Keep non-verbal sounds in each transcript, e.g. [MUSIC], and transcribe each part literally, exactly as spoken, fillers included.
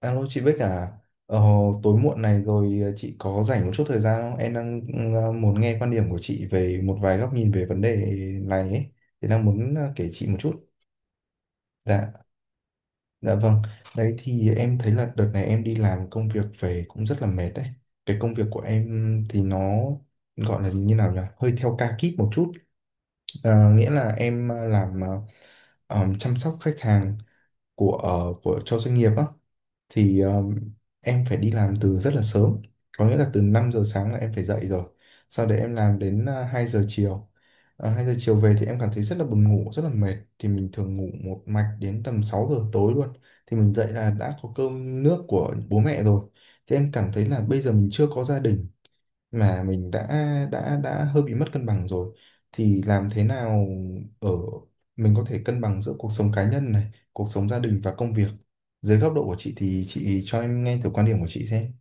Alo chị Bích à, ờ, tối muộn này rồi, ờ, chị có rảnh một chút thời gian không? Em đang ờ, muốn nghe quan điểm của chị về một vài góc nhìn về vấn đề này ấy. Thì đang muốn ờ, kể chị một chút. Dạ, dạ vâng. Đấy thì em thấy là đợt này em đi làm công việc về cũng rất là mệt đấy. Cái công việc của em thì nó gọi là như nào nhỉ? Hơi theo ca kíp một chút. Ờ, nghĩa là em ờ, làm, ờ, ờ, chăm sóc khách hàng của, ờ, của cho doanh nghiệp á. Thì ờ, em phải đi làm từ rất là sớm, có nghĩa là từ năm giờ sáng là em phải dậy rồi. Sau đấy em làm đến ờ, hai giờ chiều. Ờ, hai giờ chiều về thì em cảm thấy rất là buồn ngủ, rất là mệt, thì mình thường ngủ một mạch đến tầm sáu giờ tối luôn. Thì mình dậy là đã có cơm nước của bố mẹ rồi. Thì em cảm thấy là bây giờ mình chưa có gia đình mà mình đã đã đã hơi bị mất cân bằng rồi. Thì làm thế nào ở mình có thể cân bằng giữa cuộc sống cá nhân này, cuộc sống gia đình và công việc. Dưới góc độ của chị thì chị cho em nghe thử quan điểm của chị xem.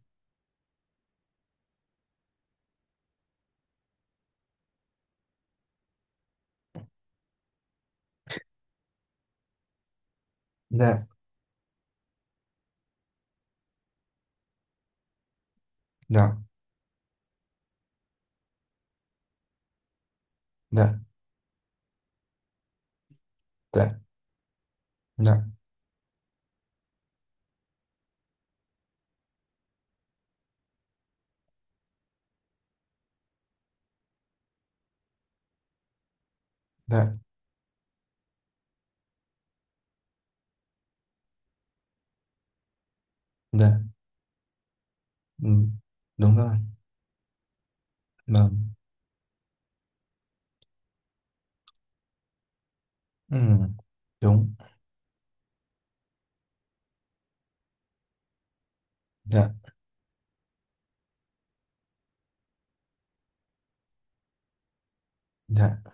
Dạ, dạ, dạ, dạ, dạ, dạ, dạ, ừ, đúng rồi, vâng, ừ, đúng, dạ, dạ.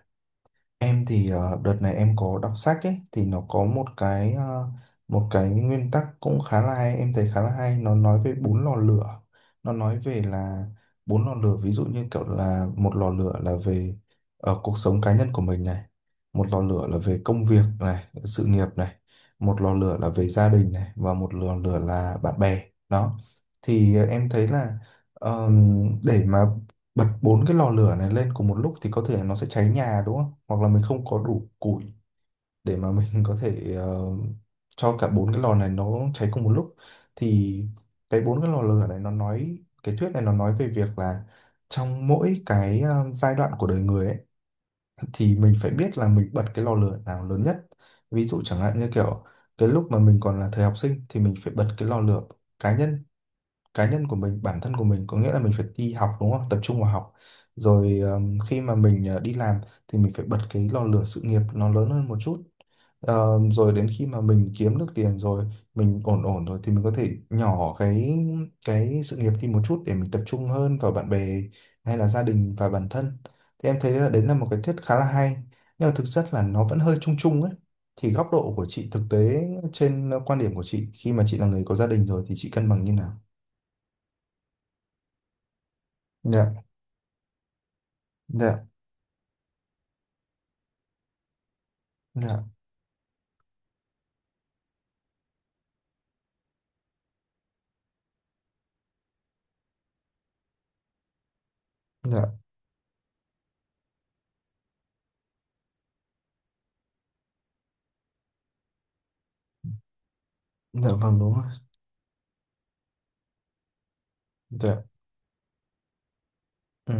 Em thì ờ, đợt này em có đọc sách ấy, thì nó có một cái, ờ, một cái nguyên tắc cũng khá là hay, em thấy khá là hay. Nó nói về bốn lò lửa. Nó nói về là bốn lò lửa, ví dụ như kiểu là một lò lửa là về ờ, cuộc sống cá nhân của mình này, một lò lửa là về công việc này, sự nghiệp này, một lò lửa là về gia đình này, và một lò lửa là bạn bè đó. Thì ờ, em thấy là, ờm, để mà bật bốn cái lò lửa này lên cùng một lúc thì có thể nó sẽ cháy nhà đúng không? Hoặc là mình không có đủ củi để mà mình [LAUGHS] có thể, ờ, cho cả bốn cái lò này nó cháy cùng một lúc. Thì cái bốn cái lò lửa này nó nói, cái thuyết này nó nói về việc là trong mỗi cái, ờ, giai đoạn của đời người ấy, thì mình phải biết là mình bật cái lò lửa nào lớn nhất. Ví dụ chẳng hạn như kiểu cái lúc mà mình còn là thời học sinh thì mình phải bật cái lò lửa cá nhân, cá nhân của mình, bản thân của mình, có nghĩa là mình phải đi học đúng không, tập trung vào học. Rồi ờm, khi mà mình ờ, đi làm thì mình phải bật cái lò lửa sự nghiệp nó lớn hơn một chút. Ờ, rồi đến khi mà mình kiếm được tiền rồi, mình ổn ổn rồi, thì mình có thể nhỏ cái cái sự nghiệp đi một chút để mình tập trung hơn vào bạn bè hay là gia đình và bản thân. Thì em thấy là đấy là một cái thuyết khá là hay, nhưng mà thực chất là nó vẫn hơi chung chung ấy. Thì góc độ của chị thực tế trên, ờ, quan điểm của chị, khi mà chị là người có gia đình rồi thì chị cân bằng như nào? Dạ, dạ, dạ, dạ, dạ vâng, đúng rồi. Dạ, ừ,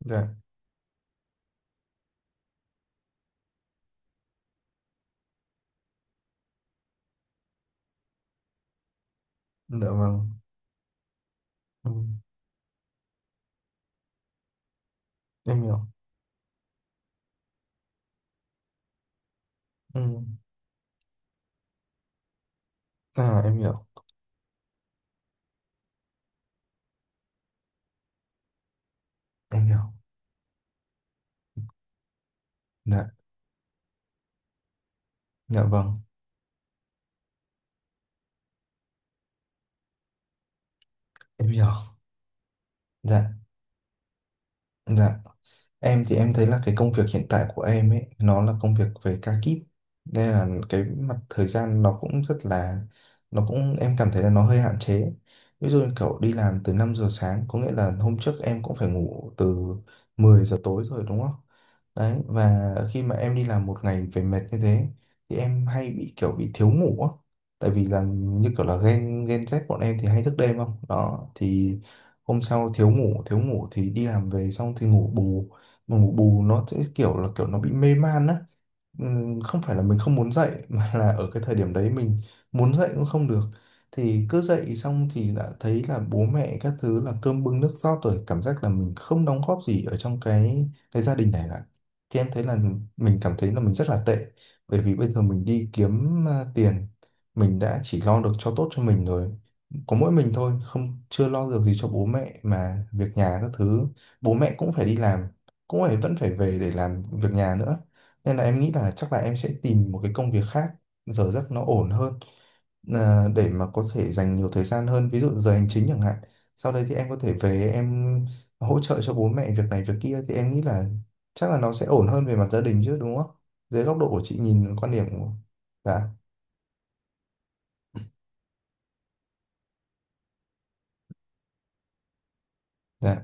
dạ, dạ vâng, ừ, em hiểu, ừ, à em hiểu, em hiểu, dạ, dạ vâng, em hiểu, dạ. Dạ, em thì em thấy là cái công việc hiện tại của em ấy, nó là công việc về ca kíp. Nên là cái mặt thời gian nó cũng rất là, nó cũng, em cảm thấy là nó hơi hạn chế. Ví dụ như kiểu đi làm từ năm giờ sáng, có nghĩa là hôm trước em cũng phải ngủ từ mười giờ tối rồi đúng không? Đấy, và khi mà em đi làm một ngày về mệt như thế, thì em hay bị kiểu bị thiếu ngủ á. Tại vì là như kiểu là gen, gen Z bọn em thì hay thức đêm không? Đó, thì hôm sau thiếu ngủ thiếu ngủ thì đi làm về xong thì ngủ bù, mà ngủ bù nó sẽ kiểu là kiểu nó bị mê man á. Ừm, không phải là mình không muốn dậy [LAUGHS] mà là ở cái thời điểm đấy mình muốn dậy cũng không được. Thì cứ dậy xong thì đã thấy là bố mẹ các thứ là cơm bưng nước rót rồi, cảm giác là mình không đóng góp gì ở trong cái cái gia đình này cả. Thì em thấy là mình cảm thấy là mình rất là tệ, bởi vì bây giờ mình đi kiếm à, tiền, mình đã chỉ lo được cho tốt cho mình rồi, có mỗi mình thôi không, chưa lo được gì cho bố mẹ, mà việc nhà các thứ bố mẹ cũng phải đi làm, cũng phải vẫn phải về để làm việc nhà nữa. Nên là em nghĩ là chắc là em sẽ tìm một cái công việc khác giờ giấc nó ổn hơn, à, để mà có thể dành nhiều thời gian hơn, ví dụ giờ hành chính chẳng hạn, sau đây thì em có thể về em hỗ trợ cho bố mẹ việc này việc kia. Thì em nghĩ là chắc là nó sẽ ổn hơn về mặt gia đình chứ đúng không. Dưới góc độ của chị nhìn quan điểm của. Dạ, dạ,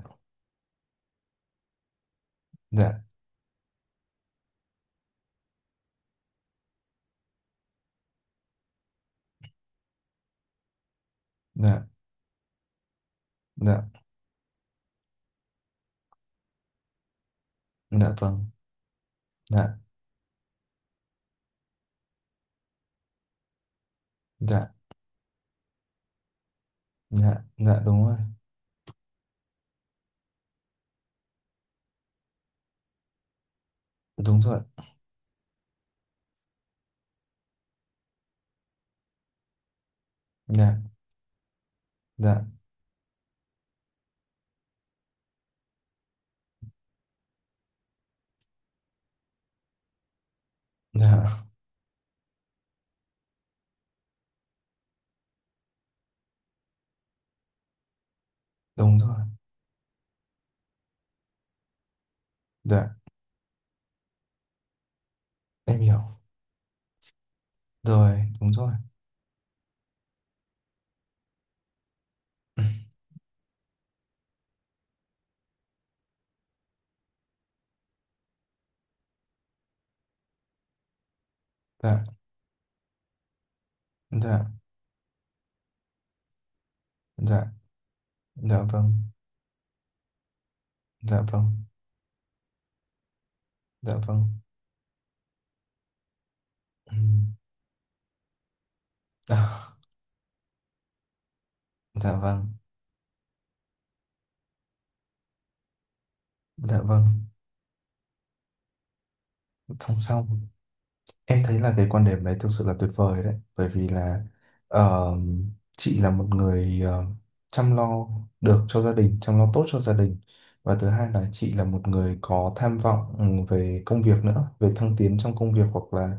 dạ, dạ, dạ, dạ vâng, dạ, dạ, dạ, dạ đúng rồi, đúng rồi, dạ, dạ, dạ, đúng rồi, dạ, em hiểu rồi, đúng rồi. [CLEARS THROAT] Dạ, dạ, dạ, dạ vâng, dạ vâng, dạ vâng. Ừm, à, dạ vâng, dạ vâng, song song. Em thấy là cái quan điểm đấy thực sự là tuyệt vời đấy, bởi vì là ờ, chị là một người ờ, chăm lo được cho gia đình, chăm lo tốt cho gia đình, và thứ hai là chị là một người có tham vọng, ừ, về công việc nữa, về thăng tiến trong công việc, hoặc là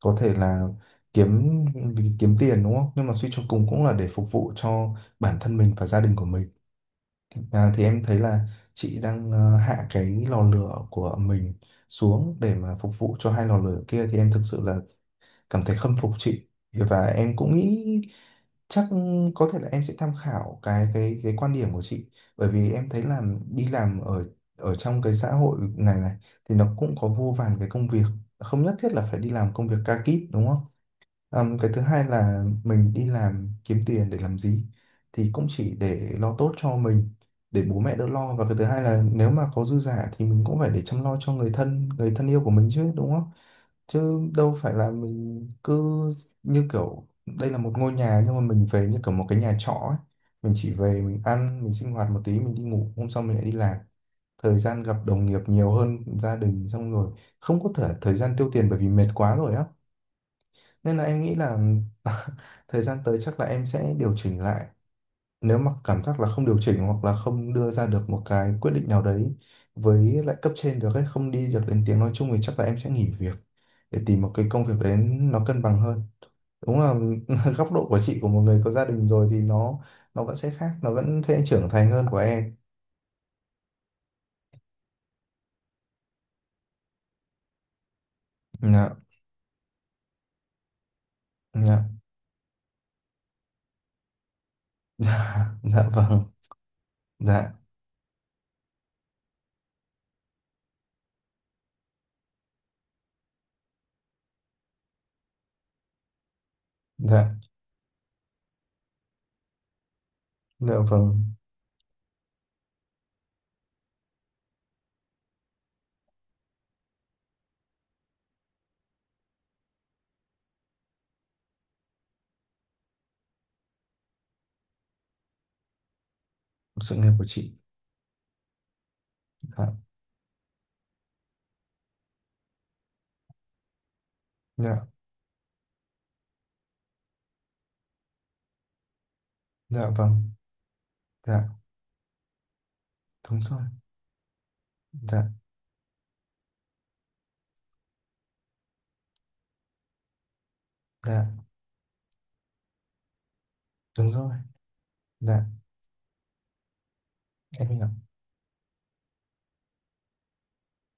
có thể là kiếm, vì kiếm tiền đúng không? Nhưng mà suy cho cùng cũng là để phục vụ cho bản thân mình và gia đình của mình. À, thì em thấy là chị đang ờ, hạ cái lò lửa của mình xuống để mà phục vụ cho hai lò lửa kia, thì em thực sự là cảm thấy khâm phục chị. Và em cũng nghĩ chắc có thể là em sẽ tham khảo cái cái cái quan điểm của chị, bởi vì em thấy là đi làm ở ở trong cái xã hội này này thì nó cũng có vô vàn cái công việc, không nhất thiết là phải đi làm công việc ca kíp đúng không. Ừm, cái thứ hai là mình đi làm kiếm tiền để làm gì, thì cũng chỉ để lo tốt cho mình, để bố mẹ đỡ lo, và cái thứ hai là nếu mà có dư giả thì mình cũng phải để chăm lo cho người thân, người thân yêu của mình chứ đúng không. Chứ đâu phải là mình cứ như kiểu đây là một ngôi nhà nhưng mà mình về như kiểu một cái nhà trọ ấy. Mình chỉ về mình ăn mình sinh hoạt một tí mình đi ngủ, hôm sau mình lại đi làm, thời gian gặp đồng nghiệp nhiều hơn gia đình, xong rồi không có thể thời gian tiêu tiền bởi vì mệt quá rồi á. Nên là em nghĩ là [LAUGHS] thời gian tới chắc là em sẽ điều chỉnh lại. Nếu mà cảm giác là không điều chỉnh hoặc là không đưa ra được một cái quyết định nào đấy với lại cấp trên được ấy, không đi được đến tiếng nói chung, thì chắc là em sẽ nghỉ việc để tìm một cái công việc đấy nó cân bằng hơn. Đúng là [LAUGHS] góc độ của chị, của một người có gia đình rồi, thì nó nó vẫn sẽ khác, nó vẫn sẽ trưởng thành hơn của em. Dạ, dạ, [LAUGHS] dạ, dạ vâng, dạ, dạ, dạ vâng, sự nghiệp của chị. Dạ, dạ, dạ vâng, dạ, đúng rồi. Dạ, dạ, đúng rồi, dạ, em hiểu,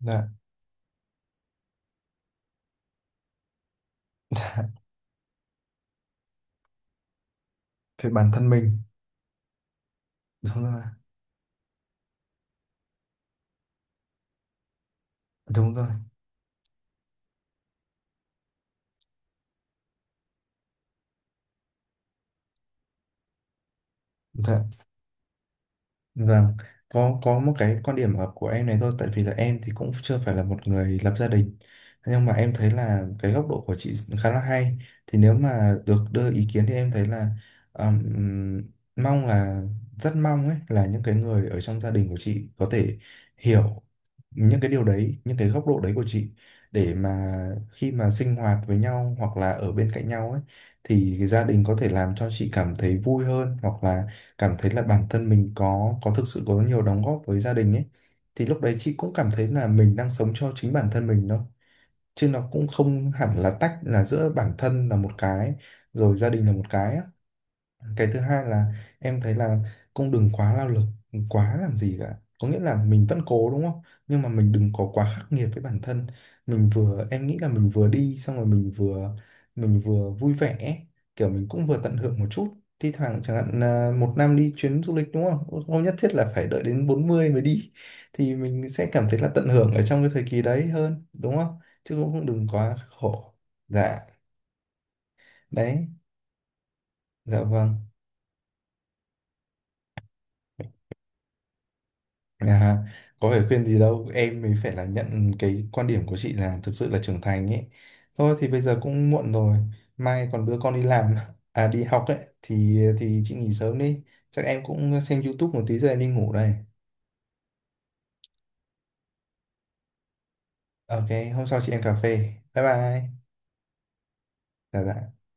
dạ. [LAUGHS] Dạ, về bản thân mình, đúng rồi, đúng rồi, dạ. Vâng, có có một cái quan điểm hợp của em này thôi, tại vì là em thì cũng chưa phải là một người lập gia đình, nhưng mà em thấy là cái góc độ của chị khá là hay. Thì nếu mà được đưa ý kiến thì em thấy là, ừm, mong là, rất mong ấy, là những cái người ở trong gia đình của chị có thể hiểu những cái điều đấy, những cái góc độ đấy của chị, để mà khi mà sinh hoạt với nhau hoặc là ở bên cạnh nhau ấy, thì gia đình có thể làm cho chị cảm thấy vui hơn, hoặc là cảm thấy là bản thân mình có có thực sự có nhiều đóng góp với gia đình ấy, thì lúc đấy chị cũng cảm thấy là mình đang sống cho chính bản thân mình thôi, chứ nó cũng không hẳn là tách là giữa bản thân là một cái rồi gia đình là một cái á. Cái thứ hai là em thấy là cũng đừng quá lao lực quá làm gì cả, có nghĩa là mình vẫn cố đúng không, nhưng mà mình đừng có quá khắc nghiệt với bản thân mình vừa, em nghĩ là mình vừa đi xong rồi mình vừa, mình vừa vui vẻ, kiểu mình cũng vừa tận hưởng một chút. Thi thoảng chẳng hạn là một năm đi chuyến du lịch đúng không, không nhất thiết là phải đợi đến bốn mươi mới đi, thì mình sẽ cảm thấy là tận hưởng ở trong cái thời kỳ đấy hơn đúng không, chứ cũng không, đừng quá khổ. Dạ. Đấy. Dạ vâng. À, có phải khuyên gì đâu, em mới phải là nhận cái quan điểm của chị là thực sự là trưởng thành ấy. Thôi thì bây giờ cũng muộn rồi, mai còn đưa con đi làm [LAUGHS] à đi học ấy, thì thì chị nghỉ sớm đi. Chắc em cũng xem YouTube một tí rồi em đi ngủ đây. OK, hôm sau chị em cà phê. Bye bye. Dạ dạ.